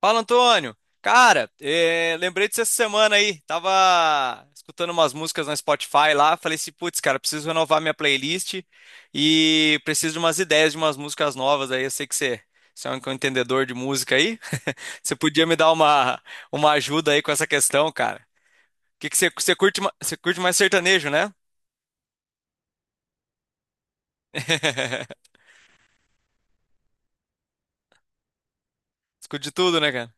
Fala, Antônio. Cara, lembrei disso essa semana aí. Tava escutando umas músicas no Spotify lá. Falei assim, putz, cara, preciso renovar minha playlist e preciso de umas ideias de umas músicas novas aí. Eu sei que você é um entendedor de música aí. Você podia me dar uma ajuda aí com essa questão, cara. O que que você curte, você curte mais sertanejo, né? Escute de tudo, né, cara?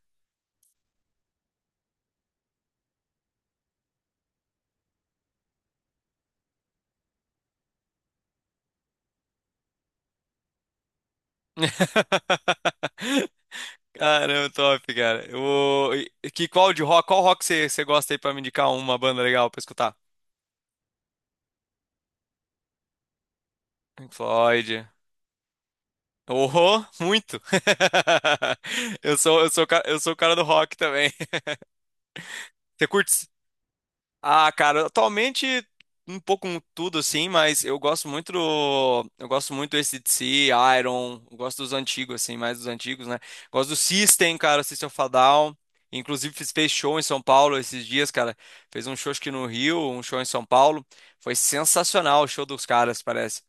Caramba, top, cara. Qual de rock? Qual rock você gosta aí pra me indicar uma banda legal pra escutar? Pink Floyd. Oh, muito. Eu sou o cara do rock também. Você curte. Ah, cara, atualmente um pouco com tudo assim, mas eu gosto muito do AC/DC, Iron, eu gosto dos antigos assim, mais dos antigos, né? Gosto do System, cara, System of a Down. Inclusive fez show em São Paulo esses dias, cara. Fez um show acho que no Rio, um show em São Paulo. Foi sensacional o show dos caras, parece.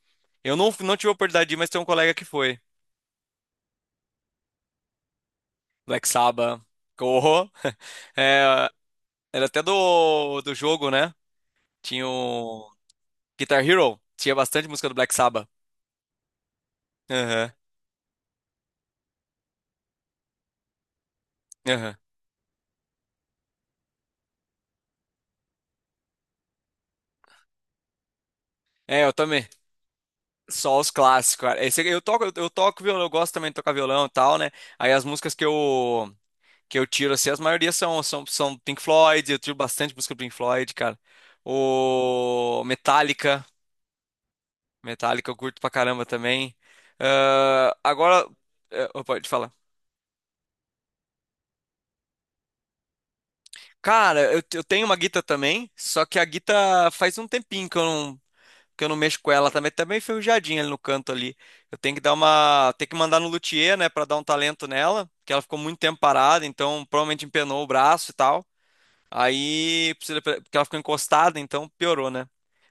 Eu não, não tive a oportunidade de ir, mas tem um colega que foi. Black Sabbath, corro. É, era até do jogo, né? Tinha o. Guitar Hero tinha bastante música do Black Sabbath. Aham, aham. É, eu também. Só os clássicos, cara. Eu toco violão, eu gosto também de tocar violão e tal, né? Aí as músicas que eu tiro assim, as maioria são Pink Floyd, eu tiro bastante música do Pink Floyd, cara. O Metallica, Metallica eu curto pra caramba também. Ah, agora, pode falar. Cara, eu tenho uma guita também, só que a guita faz um tempinho que eu não mexo com ela também, tá meio enferrujadinha ali no canto ali. Eu tenho que dar uma, ter que mandar no luthier, né, pra dar um talento nela, porque ela ficou muito tempo parada, então provavelmente empenou o braço e tal. Aí precisa, porque ela ficou encostada, então piorou, né?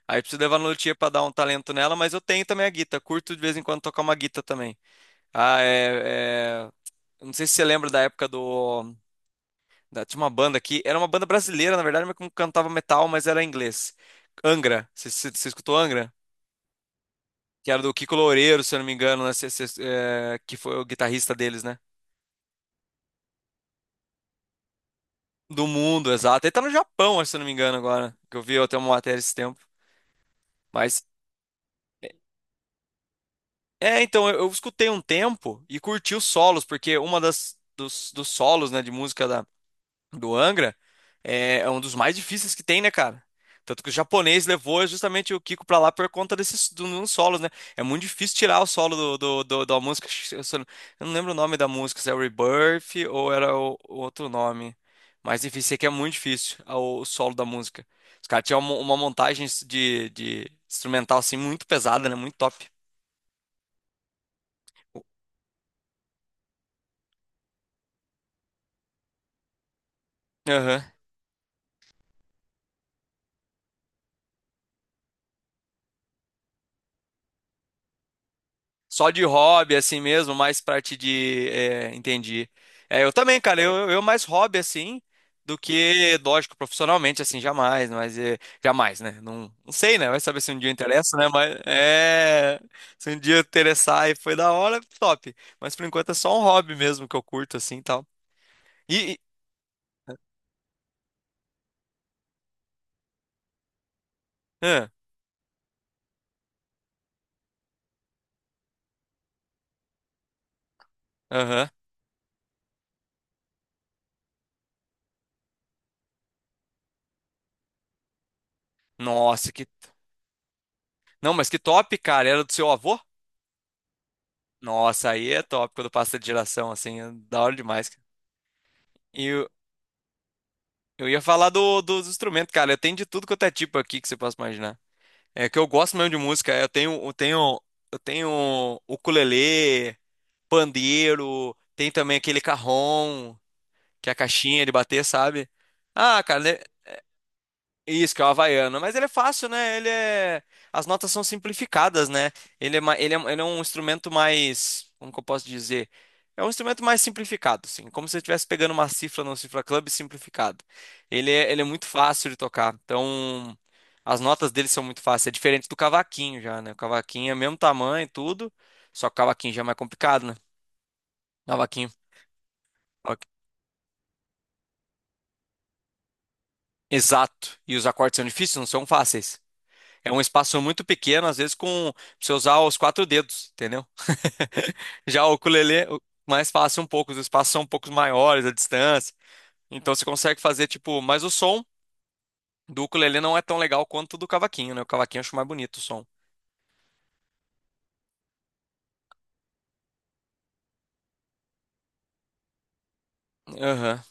Aí preciso levar no luthier pra dar um talento nela, mas eu tenho também a guita, curto de vez em quando tocar uma guita também. Ah, é, é- eu não sei se você lembra da época do. Tinha uma banda aqui. Era uma banda brasileira, na verdade, mas que cantava metal, mas era em inglês. Angra. Você escutou Angra? Que era do Kiko Loureiro, se eu não me engano, né? É, que foi o guitarrista deles, né? Do mundo, exato. Ele tá no Japão, acho, se eu não me engano, agora, que eu vi até uma matéria esse tempo. Mas, é, então, eu escutei um tempo e curti os solos, porque uma dos solos, né, de música da do Angra é, é um dos mais difíceis que tem, né, cara? Tanto que o japonês levou justamente o Kiko pra lá por conta dos solos, né? É muito difícil tirar o solo da música. Eu não lembro o nome da música, se é Rebirth ou era o outro nome. Mas enfim, sei que é muito difícil o solo da música. Os caras tinham uma montagem de instrumental assim muito pesada, né? Muito top. Aham. Só de hobby, assim mesmo, mais parte de. É, entendi. É, eu também, cara, eu mais hobby, assim, do que, lógico, profissionalmente, assim, jamais, mas é, jamais, né? Não sei, né? Vai saber se um dia interessa, né? Mas é. Se um dia interessar e foi da hora, top. Mas por enquanto é só um hobby mesmo que eu curto, assim e tal. E. e- ah, Aham. Nossa, que. Não, mas que top, cara. Era do seu avô? Nossa, aí é top quando passa de geração, assim, é da hora demais, cara. Eu ia falar dos instrumentos, cara. Eu tenho de tudo quanto é tipo aqui que você possa imaginar. É que eu gosto mesmo de música. Eu tenho ukulele, pandeiro, tem também aquele cajón, que é a caixinha de bater, sabe? Ah, cara, né, isso, que é o havaiano. Mas ele é fácil, né? Ele é. As notas são simplificadas, né? Ele é, ma- ele é um instrumento mais. Como que eu posso dizer? É um instrumento mais simplificado, assim. Como se você estivesse pegando uma cifra no Cifra Club simplificado. Ele é muito fácil de tocar. Então, as notas dele são muito fáceis. É diferente do cavaquinho já, né? O cavaquinho é o mesmo tamanho e tudo. Só que o cavaquinho já é mais complicado, né? Cavaquinho. Cavaquinho. Exato. E os acordes são difíceis, não são fáceis. É um espaço muito pequeno, às vezes com pra você usar os quatro dedos, entendeu? Já o ukulele, mais fácil um pouco, os espaços são um pouco maiores, a distância. Então você consegue fazer tipo, mas o som do ukulele não é tão legal quanto o do cavaquinho, né? O cavaquinho eu acho mais bonito o som. Aham.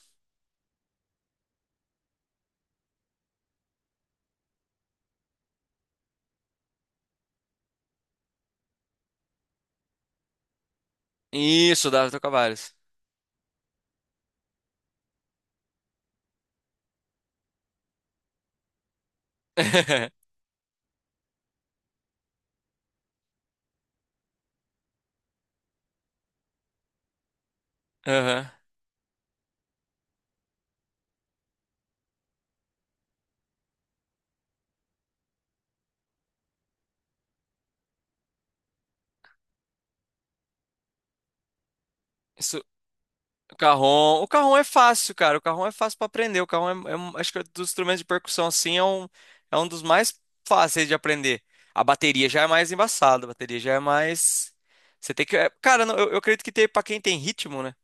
Isso, Davi Tocavares. Aham. Isso. O Carrom é fácil, cara. O Carrom é fácil pra aprender. O Carrom é acho que é dos instrumentos de percussão assim é é um dos mais fáceis de aprender. A bateria já é mais embaçada, a bateria já é mais você tem que, é, cara, não, eu acredito que tem para quem tem ritmo, né?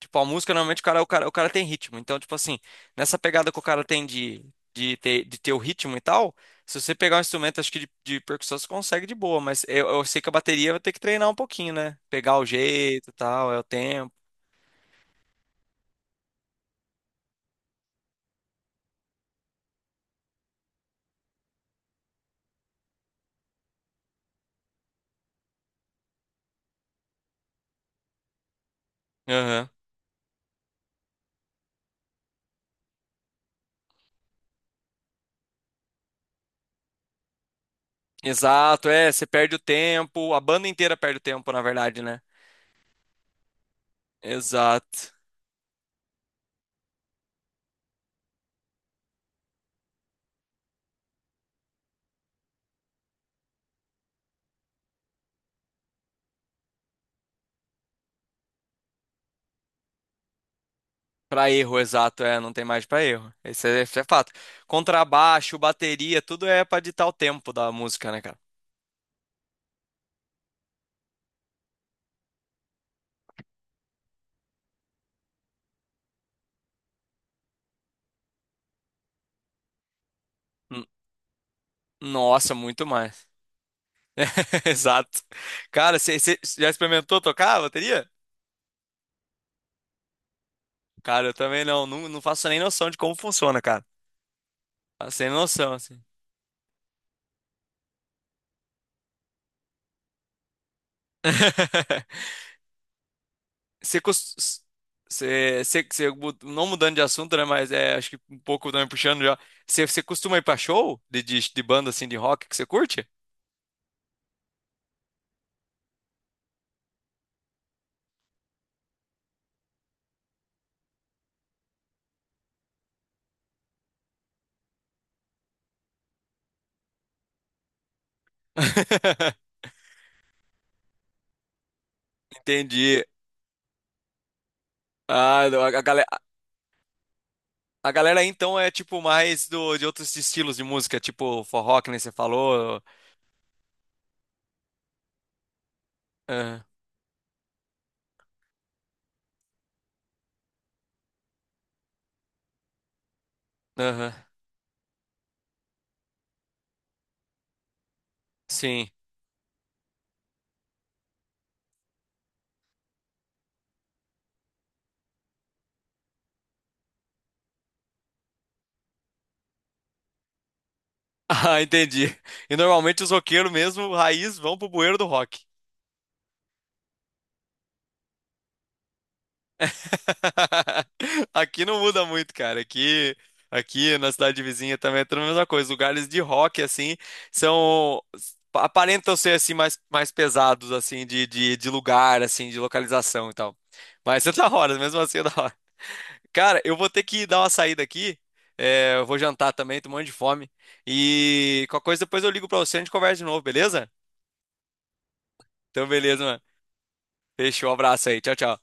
Tipo, a música normalmente o cara tem ritmo. Então, tipo assim, nessa pegada que o cara tem de ter o ritmo e tal, se você pegar um instrumento acho que de percussão você consegue de boa, mas eu sei que a bateria vai ter que treinar um pouquinho, né? Pegar o jeito, e tal, é o tempo. Aham. Exato, é, você perde o tempo, a banda inteira perde o tempo, na verdade, né? Exato. Pra erro, exato, é, não tem mais pra erro. Esse é fato. Contrabaixo, bateria, tudo é pra ditar o tempo da música, né, cara? N- Nossa, muito mais. Exato. Cara, você já experimentou tocar a bateria? Cara, eu também não faço nem noção de como funciona, cara. Faço sem noção, assim. Você, cos- você, você, você não mudando de assunto, né? Mas é, acho que um pouco também puxando já. Você costuma ir pra show de banda assim de rock que você curte? Entendi. Ah, não, a galera aí, então é tipo mais do, de outros estilos de música, tipo forró, que nem você falou. Ah, aham, sim. Ah, entendi. E normalmente os roqueiros mesmo, raiz, vão pro bueiro do rock. Aqui não muda muito, cara. Aqui na cidade vizinha também é tudo a mesma coisa. Lugares de rock, assim, são. Aparentam ser, assim, mais pesados, assim, de lugar, assim, de localização e tal. Mas é da hora, mesmo assim é da hora. Cara, eu vou ter que dar uma saída aqui. É, eu vou jantar também, tô morrendo de fome. E qualquer coisa depois eu ligo pra você e a gente conversa de novo, beleza? Então, beleza, mano. Fechou, um abraço aí. Tchau, tchau.